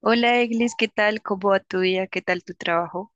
Hola, Eglis, ¿qué tal? ¿Cómo va tu día? ¿Qué tal tu trabajo?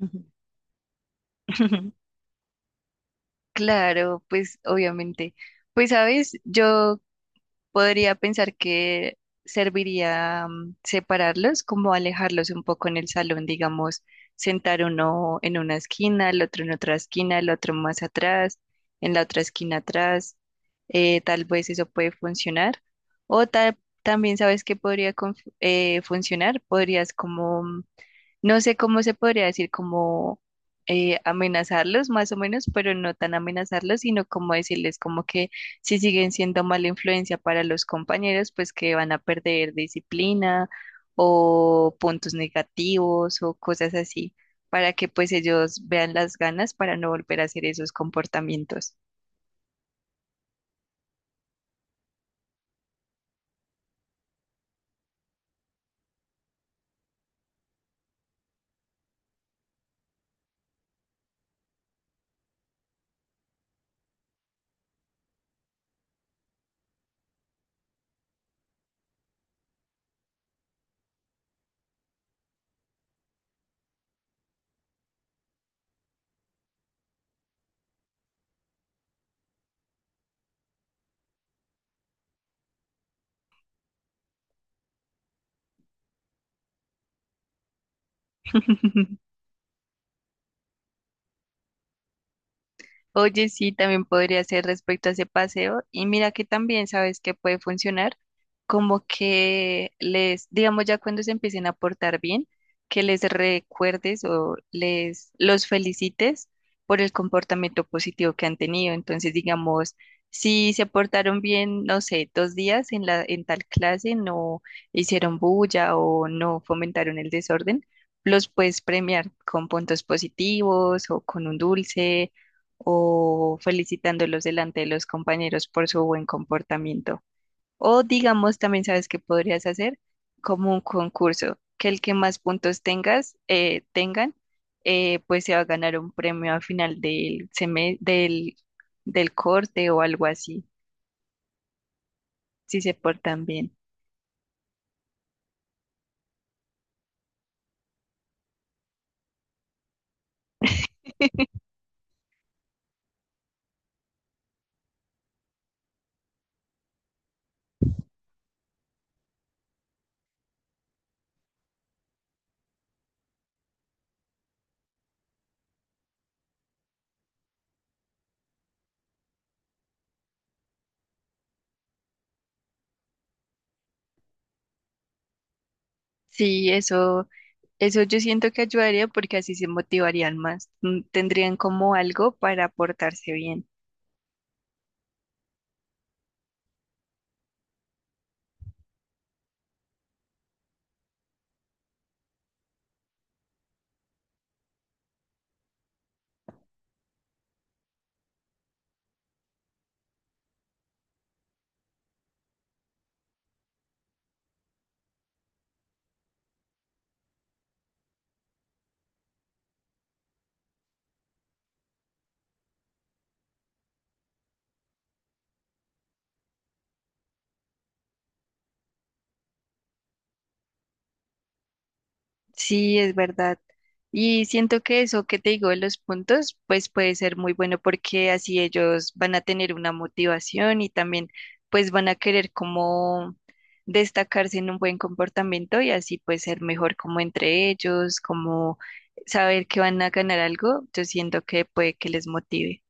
Ujú. Claro, pues obviamente. Pues sabes, yo podría pensar que serviría separarlos, como alejarlos un poco en el salón, digamos, sentar uno en una esquina, el otro en otra esquina, el otro más atrás, en la otra esquina atrás. Tal vez eso puede funcionar. O tal, también sabes que podría funcionar, podrías como no sé cómo se podría decir, como amenazarlos más o menos, pero no tan amenazarlos, sino como decirles como que si siguen siendo mala influencia para los compañeros, pues que van a perder disciplina o puntos negativos o cosas así, para que pues ellos vean las ganas para no volver a hacer esos comportamientos. Oye, sí, también podría ser respecto a ese paseo. Y mira que también sabes que puede funcionar, como que les, digamos ya cuando se empiecen a portar bien, que les recuerdes o les los felicites por el comportamiento positivo que han tenido. Entonces, digamos, si se portaron bien, no sé, dos días en la, en tal clase, no hicieron bulla o no fomentaron el desorden, los puedes premiar con puntos positivos o con un dulce o felicitándolos delante de los compañeros por su buen comportamiento. O digamos, también sabes que podrías hacer como un concurso, que el que más puntos tengan, pues se va a ganar un premio al final del corte o algo así, si se portan bien. Sí, eso yo siento que ayudaría porque así se motivarían más, tendrían como algo para portarse bien. Sí, es verdad. Y siento que eso que te digo de los puntos, pues puede ser muy bueno porque así ellos van a tener una motivación y también pues van a querer como destacarse en un buen comportamiento y así pues ser mejor como entre ellos, como saber que van a ganar algo, yo siento que puede que les motive.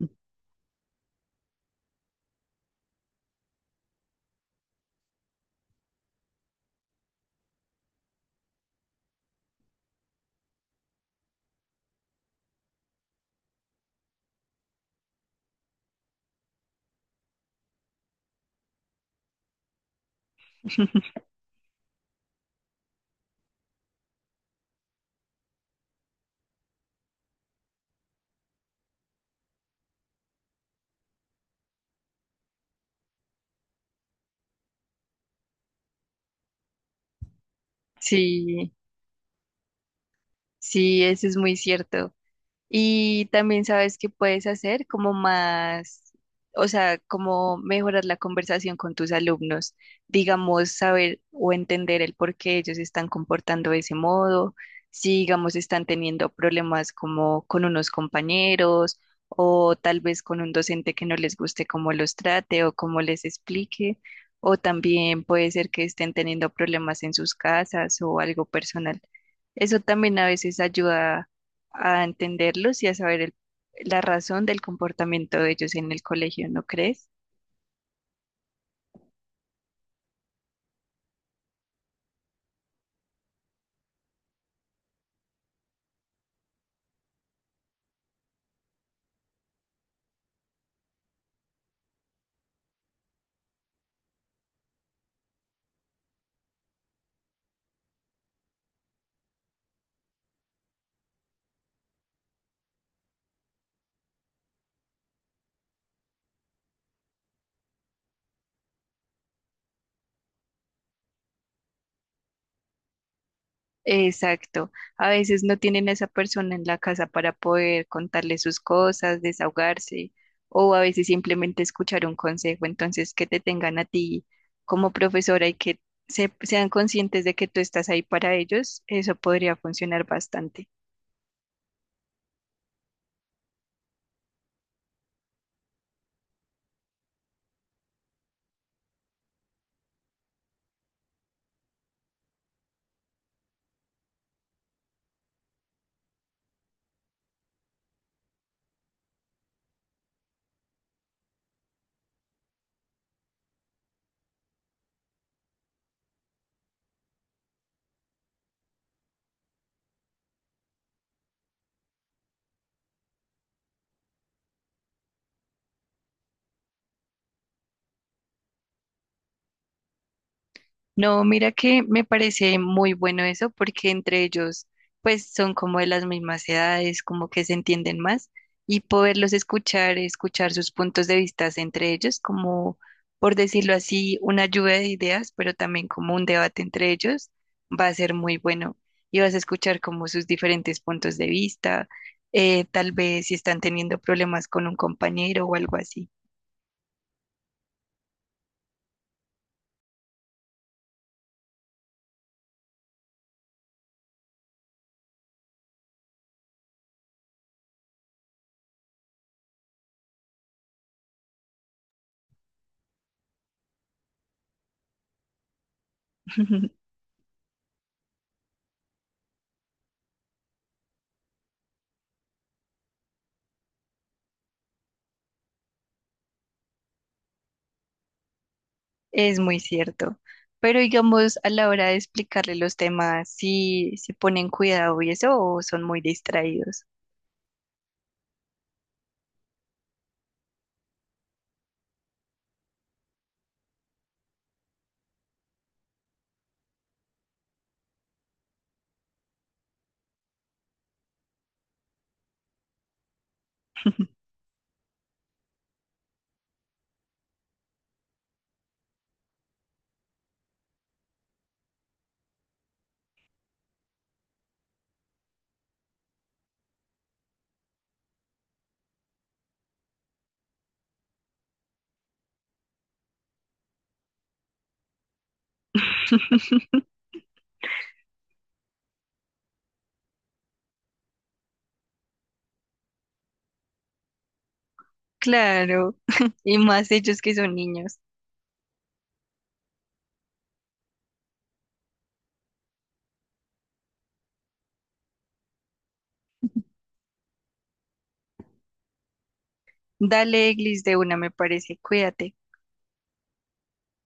Sí, sí, eso es muy cierto. Y también sabes que puedes hacer como más, o sea, como mejorar la conversación con tus alumnos, digamos, saber o entender el por qué ellos se están comportando de ese modo, si, digamos, están teniendo problemas como con unos compañeros o tal vez con un docente que no les guste cómo los trate o cómo les explique, o también puede ser que estén teniendo problemas en sus casas o algo personal. Eso también a veces ayuda a entenderlos y a saber la razón del comportamiento de ellos en el colegio, ¿no crees? Exacto. A veces no tienen a esa persona en la casa para poder contarle sus cosas, desahogarse, o a veces simplemente escuchar un consejo. Entonces, que te tengan a ti como profesora y que sean conscientes de que tú estás ahí para ellos, eso podría funcionar bastante. No, mira que me parece muy bueno eso porque entre ellos pues son como de las mismas edades, como que se entienden más y poderlos escuchar, escuchar sus puntos de vista entre ellos, como por decirlo así, una lluvia de ideas, pero también como un debate entre ellos, va a ser muy bueno y vas a escuchar como sus diferentes puntos de vista, tal vez si están teniendo problemas con un compañero o algo así. Es muy cierto. Pero digamos, a la hora de explicarle los temas, si se ponen cuidado y eso, o son muy distraídos. Claro, y más ellos que son niños. Dale, Eglis, de una, me parece, cuídate.